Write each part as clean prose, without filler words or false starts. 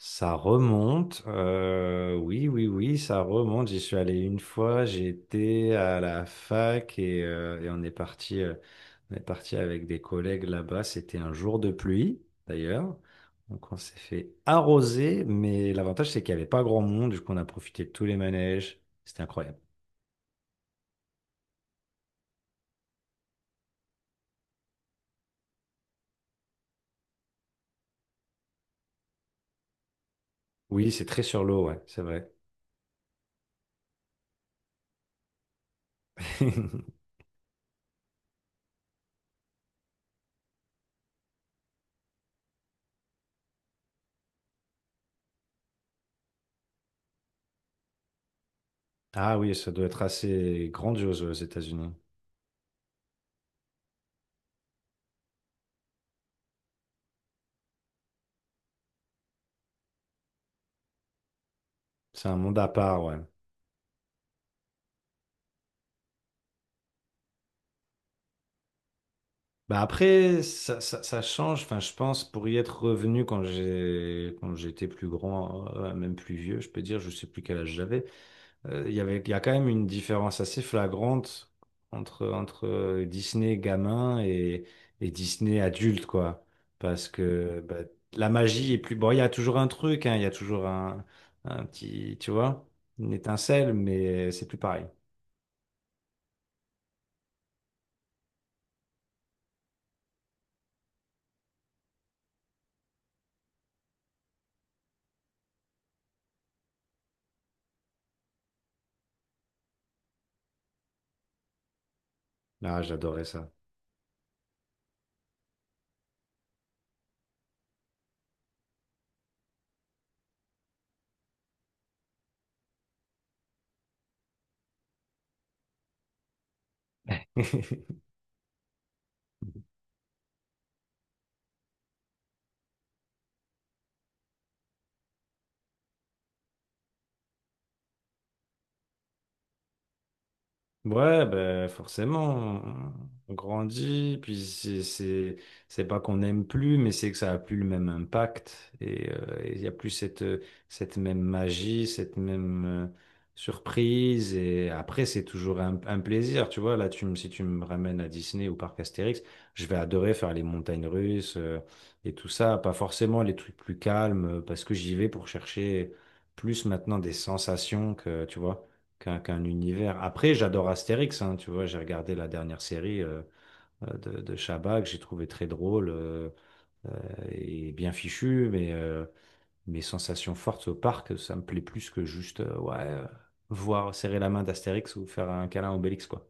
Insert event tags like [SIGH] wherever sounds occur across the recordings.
Ça remonte, oui, oui, oui, ça remonte. J'y suis allé une fois, j'étais à la fac et on est parti avec des collègues là-bas. C'était un jour de pluie, d'ailleurs. Donc on s'est fait arroser, mais l'avantage c'est qu'il n'y avait pas grand monde, du coup on a profité de tous les manèges. C'était incroyable. Oui, c'est très sur l'eau, ouais, c'est vrai. [LAUGHS] Ah oui, ça doit être assez grandiose aux États-Unis. C'est un monde à part, ouais. Bah après, ça change. Enfin, je pense pour y être revenu quand j'étais plus grand, même plus vieux, je peux dire, je sais plus quel âge j'avais. Il y avait, il y a quand même une différence assez flagrante entre Disney gamin et Disney adulte, quoi. Parce que bah, la magie est plus. Bon, il y a toujours un truc, hein, il y a toujours un petit, tu vois, une étincelle, mais c'est plus pareil. Ah, j'adorais ça. [LAUGHS] Ouais, ben forcément, on grandit, puis c'est pas qu'on n'aime plus, mais c'est que ça a plus le même impact et il y a plus cette cette même magie, cette même surprise et après c'est toujours un plaisir, tu vois. Là, tu me si tu me ramènes à Disney ou parc Astérix, je vais adorer faire les montagnes russes et tout ça, pas forcément les trucs plus calmes parce que j'y vais pour chercher plus maintenant des sensations que tu vois qu'un univers. Après, j'adore Astérix, hein, tu vois, j'ai regardé la dernière série de Chabat que j'ai trouvé très drôle euh, et bien fichu, mais mes sensations fortes au parc, ça me plaît plus que juste voir serrer la main d'Astérix ou faire un câlin à Obélix, quoi.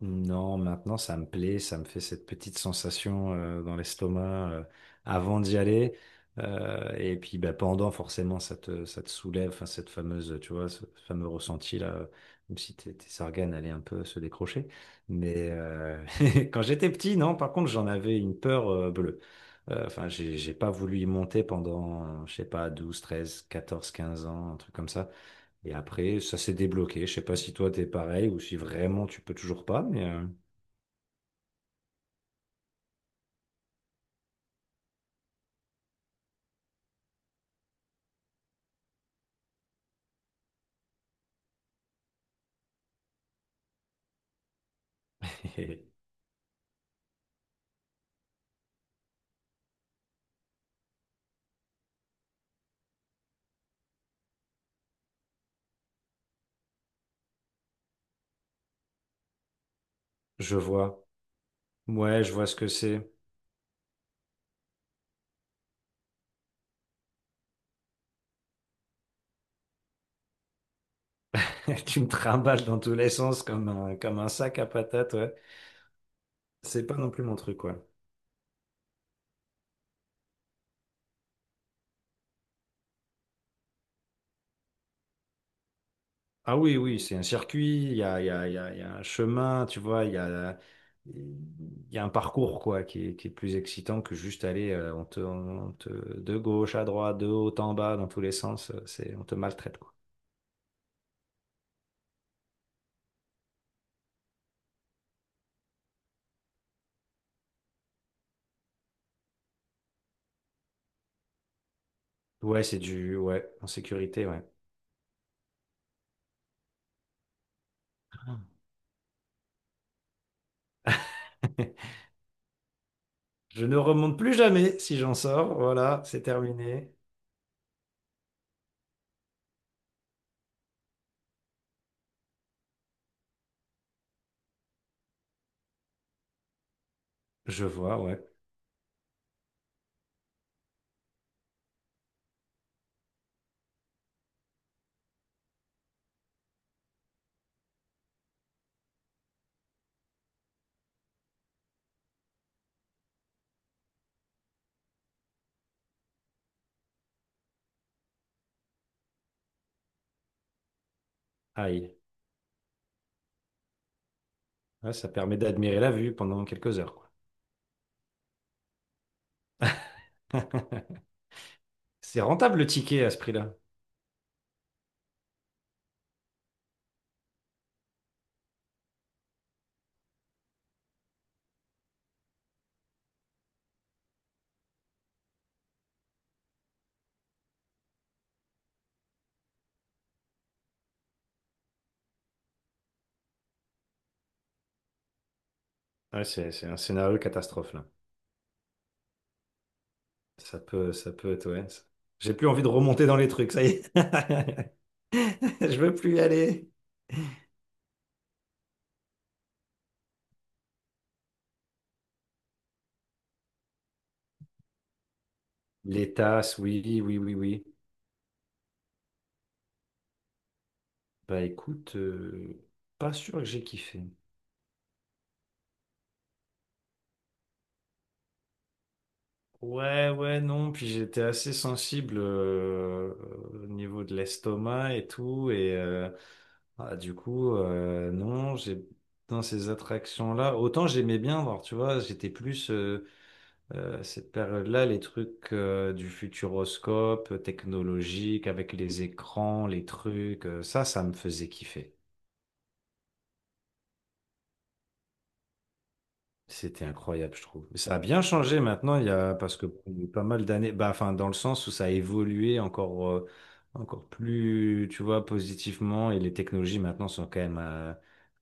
Non, maintenant ça me plaît, ça me fait cette petite sensation dans l'estomac avant d'y aller. Et puis bah, pendant, forcément, ça te soulève, enfin, cette fameuse, tu vois, ce fameux ressenti là, même si tes organes allaient un peu se décrocher. Mais [LAUGHS] quand j'étais petit, non, par contre, j'en avais une peur bleue. Enfin, j'ai pas voulu y monter pendant, je sais pas, 12, 13, 14, 15 ans, un truc comme ça. Et après, ça s'est débloqué. Je sais pas si toi t'es pareil ou si vraiment tu peux toujours pas, mais euh, [LAUGHS] je vois. Ouais, je vois ce que c'est. [LAUGHS] Tu me trimbales dans tous les sens comme un sac à patates, ouais. C'est pas non plus mon truc, quoi. Ah oui, oui, c'est un circuit, il y a, il y a, il y a, il y a un chemin, tu vois, il y a un parcours, quoi, qui est plus excitant que juste aller, de gauche à droite, de haut en bas, dans tous les sens, on te maltraite, quoi. Ouais, en sécurité, ouais. [LAUGHS] Je ne remonte plus jamais si j'en sors. Voilà, c'est terminé. Je vois, ouais. Aïe. Ouais, ça permet d'admirer la vue pendant quelques heures, quoi. C'est rentable le ticket à ce prix-là. C'est un scénario catastrophe, là. Ça peut être, ouais. J'ai plus envie de remonter dans les trucs, ça y est. [LAUGHS] Je veux plus y aller. Les tasses, oui, oui, oui, oui. Bah écoute, pas sûr que j'ai kiffé. Ouais, ouais, non. Puis j'étais assez sensible au niveau de l'estomac et tout. Non, j'ai dans ces attractions-là, autant j'aimais bien voir, tu vois, j'étais plus cette période-là, les trucs du futuroscope, technologique, avec les écrans, les trucs, ça me faisait kiffer. C'était incroyable, je trouve. Ça a bien changé maintenant, parce que il y a eu pas mal d'années, bah, enfin, dans le sens où ça a évolué encore, encore plus, tu vois, positivement, et les technologies maintenant sont quand même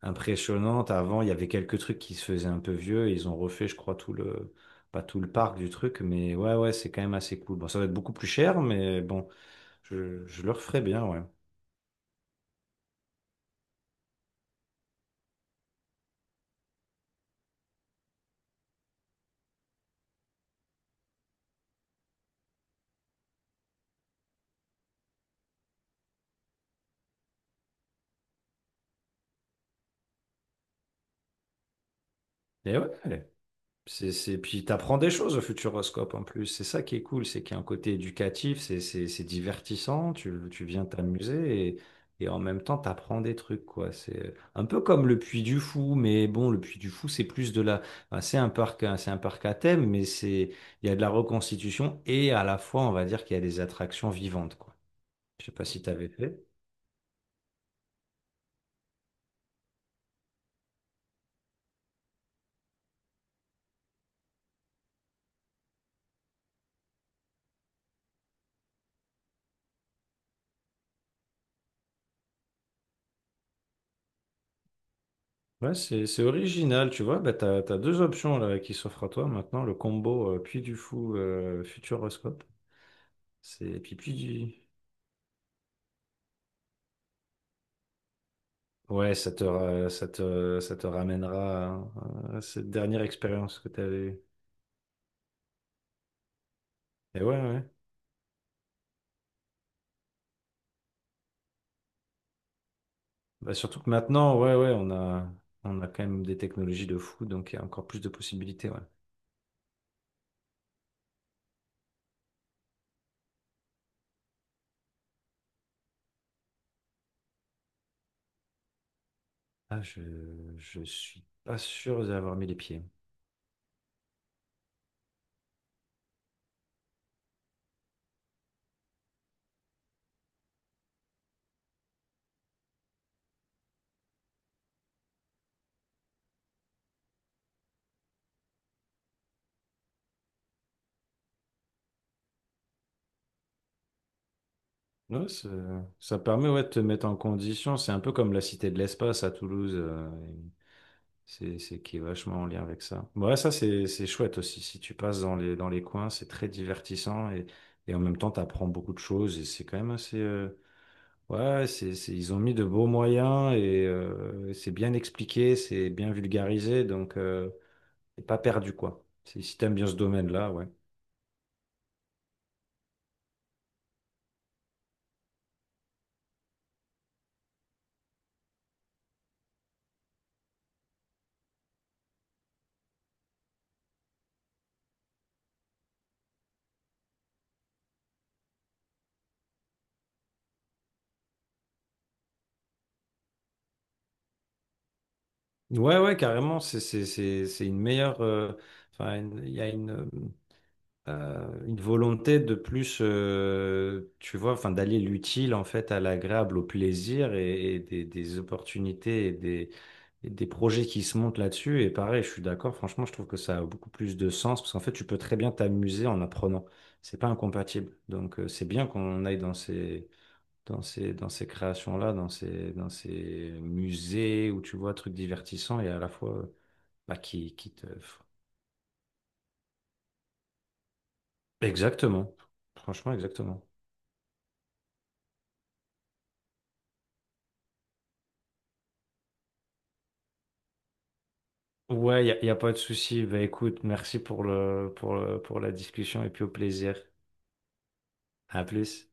impressionnantes. Avant, il y avait quelques trucs qui se faisaient un peu vieux, et ils ont refait, je crois, pas tout le parc du truc, mais ouais, ouais, c'est quand même assez cool. Bon, ça va être beaucoup plus cher, mais bon, je le referai bien, ouais. Et ouais. C'est... Puis t'apprends des choses au Futuroscope en plus. C'est ça qui est cool, c'est qu'il y a un côté éducatif, c'est divertissant, tu viens t'amuser et en même temps t'apprends des trucs, quoi. C'est un peu comme le Puy du Fou, mais bon, le Puy du Fou, c'est plus de la... enfin, c'est un parc à thème, mais c'est il y a de la reconstitution et à la fois, on va dire qu'il y a des attractions vivantes, quoi. Je sais pas si t'avais fait. Ouais, c'est original, tu vois. Bah, t'as deux options là, qui s'offrent à toi maintenant, le combo Puy du Fou Futuroscope. C'est et puis puis Ouais, ça te ra- ça te ramènera à cette dernière expérience que tu avais eue. Et ouais ouais. Bah, surtout que maintenant, ouais ouais, on a quand même des technologies de fou, donc il y a encore plus de possibilités, ouais. Ah, je suis pas sûr d'avoir mis les pieds. Ouais, ça permet ouais, de te mettre en condition. C'est un peu comme la Cité de l'Espace à Toulouse. C'est qui est vachement en lien avec ça. Ouais, c'est chouette aussi. Si tu passes dans les coins, c'est très divertissant et en même temps, tu apprends beaucoup de choses et c'est quand même assez. Ouais, ils ont mis de beaux moyens et c'est bien expliqué, c'est bien vulgarisé, donc t'es pas perdu, quoi. Si t'aimes bien ce domaine-là, ouais. Ouais, ouais, carrément, c'est une meilleure. Enfin, il y a une. Une volonté de plus, tu vois, enfin, d'aller l'utile en fait à l'agréable, au plaisir et des opportunités et des projets qui se montent là-dessus. Et pareil, je suis d'accord, franchement, je trouve que ça a beaucoup plus de sens parce qu'en fait, tu peux très bien t'amuser en apprenant. C'est pas incompatible. Donc, c'est bien qu'on aille dans ces. Dans ces créations-là, dans ces musées où tu vois trucs divertissants et à la fois bah, qui te... Exactement. Franchement, exactement. Ouais, y a pas de souci. Bah écoute, merci pour pour la discussion et puis au plaisir. À plus.